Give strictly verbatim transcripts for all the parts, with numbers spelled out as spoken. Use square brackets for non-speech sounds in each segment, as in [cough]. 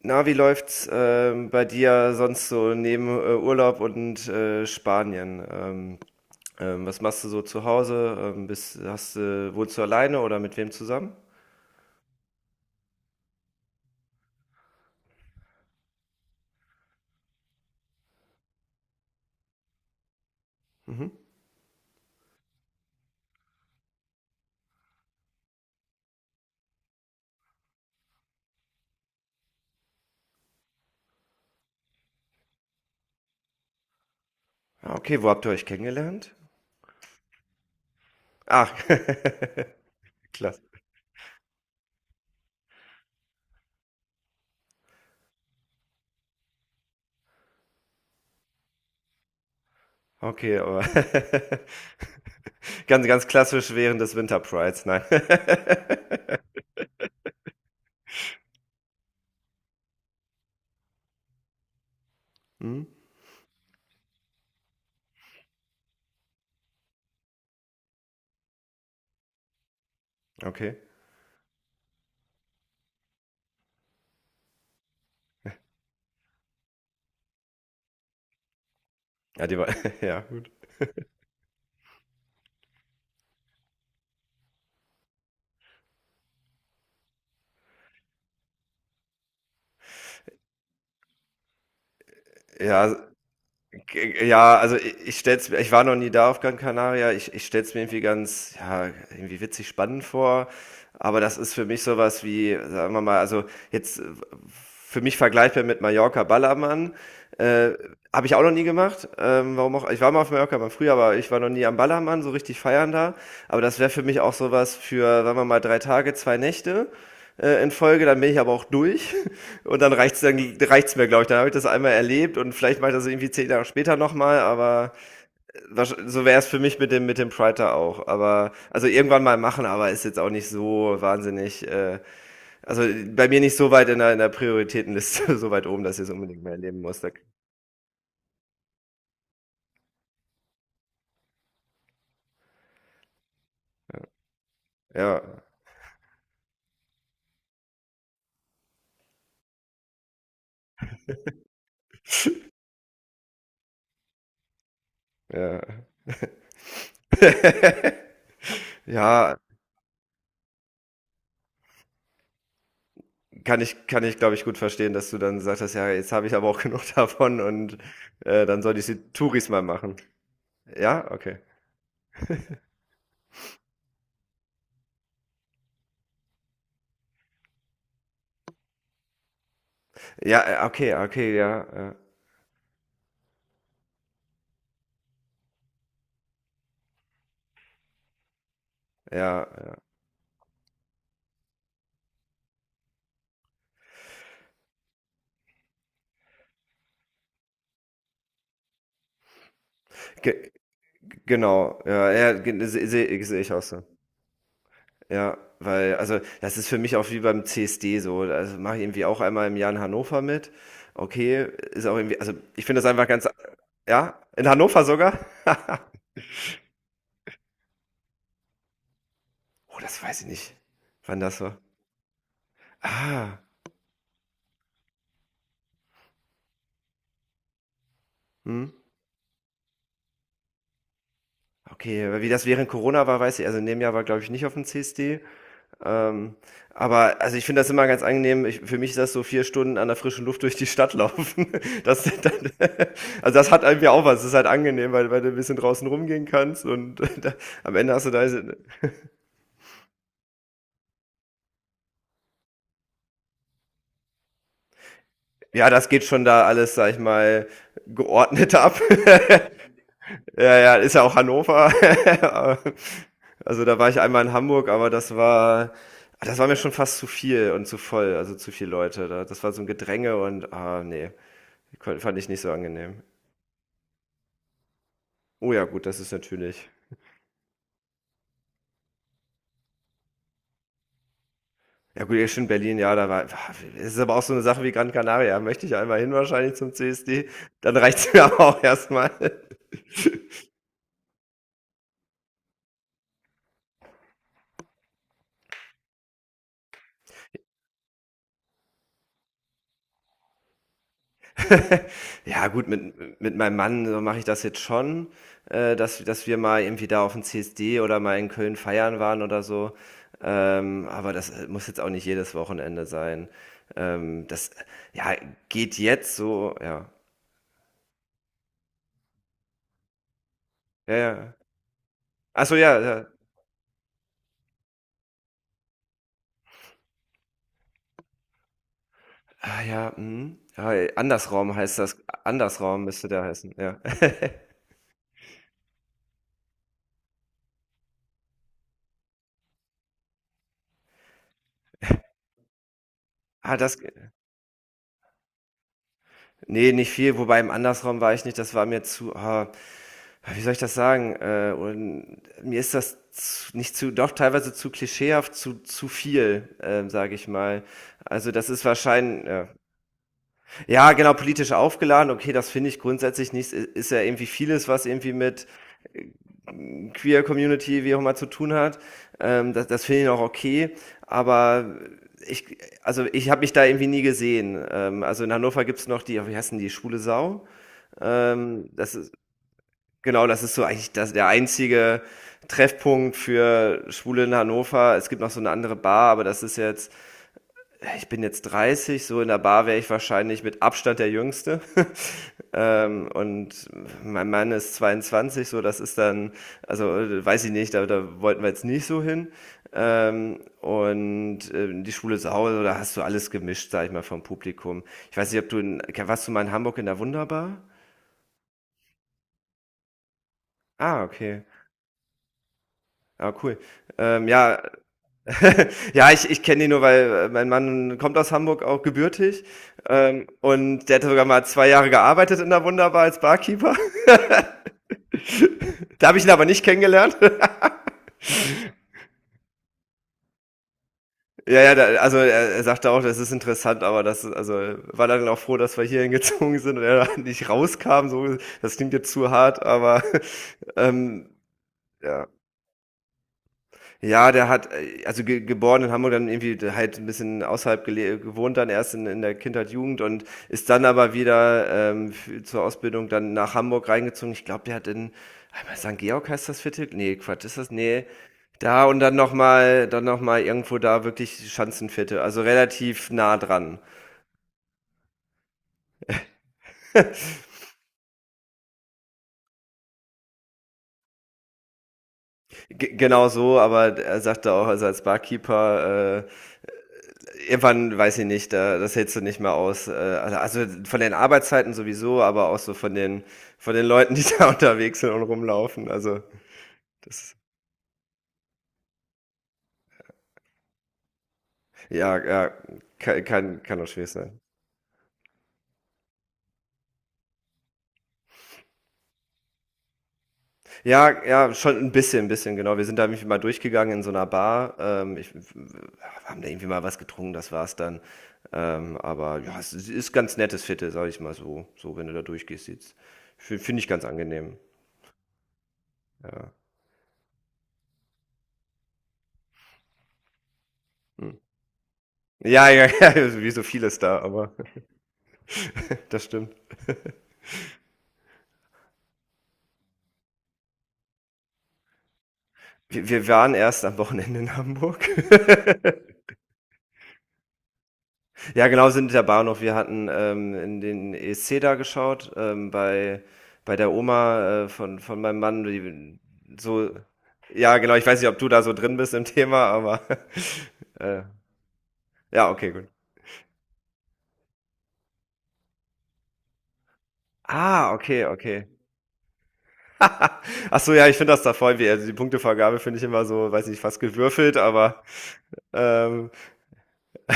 Na, wie läuft's ähm, bei dir sonst so neben äh, Urlaub und äh, Spanien? Ähm, ähm, was machst du so zu Hause? Ähm, bist, hast, du- wohnst du alleine oder mit wem zusammen? Mhm. Ja, okay, wo habt ihr euch kennengelernt? Ach, [laughs] klasse. Okay, aber [laughs] ganz, ganz klassisch während des Winter Prides, nein. [laughs] Hm, okay. Ja, die war, [laughs] ja, gut. Ja, Äh, ja, also ich, ich stell's mir, ich war noch nie da auf Gran Canaria, ich, ich stell's mir irgendwie ganz, ja, irgendwie witzig spannend vor. Aber das ist für mich sowas wie, sagen wir mal, also jetzt äh, für mich vergleichbar mit Mallorca Ballermann. Äh, Habe ich auch noch nie gemacht. Ähm, warum auch? Ich war mal auf Mallorca mal früher, aber ich war noch nie am Ballermann, so richtig feiern da. Aber das wäre für mich auch sowas für, sagen wir mal, drei Tage, zwei Nächte äh, in Folge, dann bin ich aber auch durch [laughs] und dann reicht's dann reicht's mir, glaube ich. Dann habe ich das einmal erlebt und vielleicht mache ich das irgendwie zehn Jahre später nochmal, aber so wäre es für mich mit dem mit dem Pride da auch. Aber also irgendwann mal machen, aber ist jetzt auch nicht so wahnsinnig äh, also bei mir nicht so weit in der, in der Prioritätenliste, [laughs] so weit oben, dass ich es unbedingt mehr erleben muss. Da, ja, ja. [laughs] Ja, kann ich, kann ich, glaube ich, gut verstehen, dass du dann gesagt hast, ja, jetzt habe ich aber auch genug [laughs] davon und äh, dann soll ich die Touris mal machen. Ja, okay. Ja, äh, okay, okay, ja, äh, ja, ja. Ge Genau, ja, ja, ge- se- se- sehe ich auch so. Ja, weil, also das ist für mich auch wie beim C S D so. Also mache ich irgendwie auch einmal im Jahr in Hannover mit. Okay, ist auch irgendwie, also ich finde das einfach ganz, ja, in Hannover sogar? Oh, das weiß ich nicht, wann das war. Ah, hm, okay, aber wie das während Corona war, weiß ich, also in dem Jahr war, glaube ich, nicht auf dem C S D. Ähm, aber also ich finde das immer ganz angenehm. Ich, für mich ist das so vier Stunden an der frischen Luft durch die Stadt laufen. [laughs] Das, dann, also das hat irgendwie auch was. Das ist halt angenehm, weil, weil du ein bisschen draußen rumgehen kannst und [laughs] da, am Ende hast du da diese- ja, das geht schon da alles, sag ich mal, geordnet ab. [laughs] Ja, ja, ist ja auch Hannover. [laughs] Also da war ich einmal in Hamburg, aber das war das war mir schon fast zu viel und zu voll, also zu viele Leute. Da, das war so ein Gedränge und ah nee, kon- fand ich nicht so angenehm. Oh ja, gut, das ist natürlich ja gut, ja, schön Berlin, ja, da war es ist aber auch so eine Sache wie Gran Canaria. Da möchte ich einmal hin wahrscheinlich zum C S D, dann reicht's mir [laughs] aber auch erstmal. [laughs] Ja gut, mit mit meinem Mann, äh, mache ich das jetzt schon, äh, dass dass wir mal irgendwie da auf aufm C S D oder mal in Köln feiern waren oder so, ähm, aber das, äh, muss jetzt auch nicht jedes Wochenende sein. Ähm, das, ja, geht jetzt so, ja. Ja, ja. Ach so, ja, ja. Ah ja, mhm. Ja, äh, Andersraum heißt das. Andersraum müsste der heißen, ja. [laughs] Ah, das g ne, nicht viel, wobei im Andersraum war ich nicht, das war mir zu ah, wie soll ich das sagen? Äh, und mir ist das z nicht zu doch teilweise zu klischeehaft, zu zu viel, ähm, sage ich mal. Also, das ist wahrschein ja. Ja, genau, politisch aufgeladen. Okay, das finde ich grundsätzlich nicht. Ist ja irgendwie vieles, was irgendwie mit äh, Queer Community, wie auch immer, zu tun hat. Ähm, das das finde ich auch okay. Aber ich, also ich habe mich da irgendwie nie gesehen. Ähm, also in Hannover gibt's noch die, wie heißt denn die, Schwule Sau. Ähm, das ist, genau, das ist so eigentlich das, der einzige Treffpunkt für Schwule in Hannover. Es gibt noch so eine andere Bar, aber das ist jetzt, ich bin jetzt dreißig, so in der Bar wäre ich wahrscheinlich mit Abstand der Jüngste. [laughs] Ähm, und mein Mann ist zweiundzwanzig, so das ist dann, also weiß ich nicht, da, da wollten wir jetzt nicht so hin. Ähm, und äh, die Schule zu Hause, da hast du alles gemischt, sag ich mal, vom Publikum. Ich weiß nicht, ob du in, warst du mal in Hamburg in der Wunderbar? Ah, okay. Ah, cool. Ähm, ja, [laughs] ja, ich, ich kenne die nur, weil äh, mein Mann kommt aus Hamburg auch gebürtig. Ähm, und der hat sogar mal zwei Jahre gearbeitet in der Wunderbar als Barkeeper. [laughs] Da habe ich ihn aber nicht kennengelernt. [laughs] Ja, ja, da, also er, er sagte auch, das ist interessant, aber das, also war dann auch froh, dass wir hierhin gezogen sind und er [laughs] da nicht rauskam. So, das klingt jetzt zu hart, aber [laughs] ähm, ja, ja, der hat, äh, also ge geboren in Hamburg, dann irgendwie halt ein bisschen außerhalb gele gewohnt, dann erst in, in der Kindheit, Jugend und ist dann aber wieder ähm, f- zur Ausbildung dann nach Hamburg reingezogen. Ich glaube, der hat in einmal, Sankt Georg heißt das Viertel? Nee, Quatsch, ist das? Nee. Da und dann nochmal, dann nochmal irgendwo da wirklich Schanzenviertel, also relativ nah dran. [laughs] G Genau so, aber er sagte auch, also als Barkeeper äh, irgendwann weiß ich nicht, da, das hältst du nicht mehr aus. Äh, Also also von den Arbeitszeiten sowieso, aber auch so von den, von den Leuten, die da [laughs] unterwegs sind und rumlaufen. Also das, ja, ja, kann, kann, kann auch schwierig sein. Ja, ja, schon ein bisschen, ein bisschen, genau. Wir sind da nämlich mal durchgegangen in so einer Bar. Ähm, ich, haben da irgendwie mal was getrunken, das war's dann. Ähm, aber ja, es ist ganz nettes Viertel, sag ich mal so. So, wenn du da durchgehst, sieht's. Finde ich ganz angenehm. Ja. Hm. Ja, ja, [laughs] ja, wie so vieles da, aber. [laughs] Das stimmt. Wir, wir waren erst am Wochenende in Hamburg. [laughs] Ja, genau, sind in der Bahnhof. Wir hatten ähm, in den E S C da geschaut, ähm, bei, bei der Oma äh, von, von meinem Mann. Die, so, ja, genau, ich weiß nicht, ob du da so drin bist im Thema, aber [laughs] äh, ja, okay, gut. Ah, okay, okay. [laughs] Ach so, ja, ich finde das da voll wie, also die Punktevergabe finde ich immer so, weiß nicht, fast gewürfelt, aber ähm, [laughs]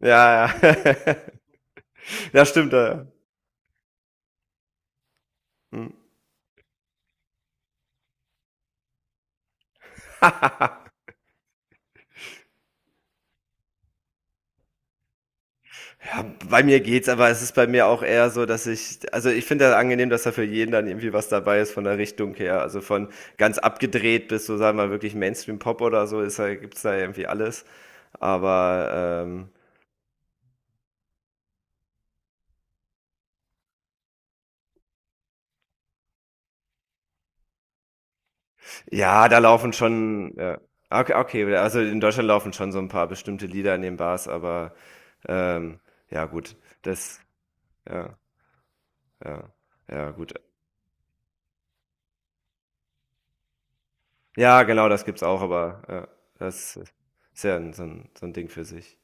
ja, ja. [laughs] Ja, stimmt, ja, ja. Hm. Ja, bei mir geht's, aber es ist bei mir auch eher so, dass ich, also ich finde das angenehm, dass da für jeden dann irgendwie was dabei ist von der Richtung her. Also von ganz abgedreht bis so, sagen wir mal, wirklich Mainstream-Pop oder so, ist, da- gibt's da irgendwie alles. Aber ähm, ja, da laufen schon, ja. Okay, okay, also in Deutschland laufen schon so ein paar bestimmte Lieder in den Bars, aber ähm, ja gut, das, ja, ja, ja gut. Ja, genau, das gibt's auch, aber ja, das ist ja ein, so ein, so ein Ding für sich.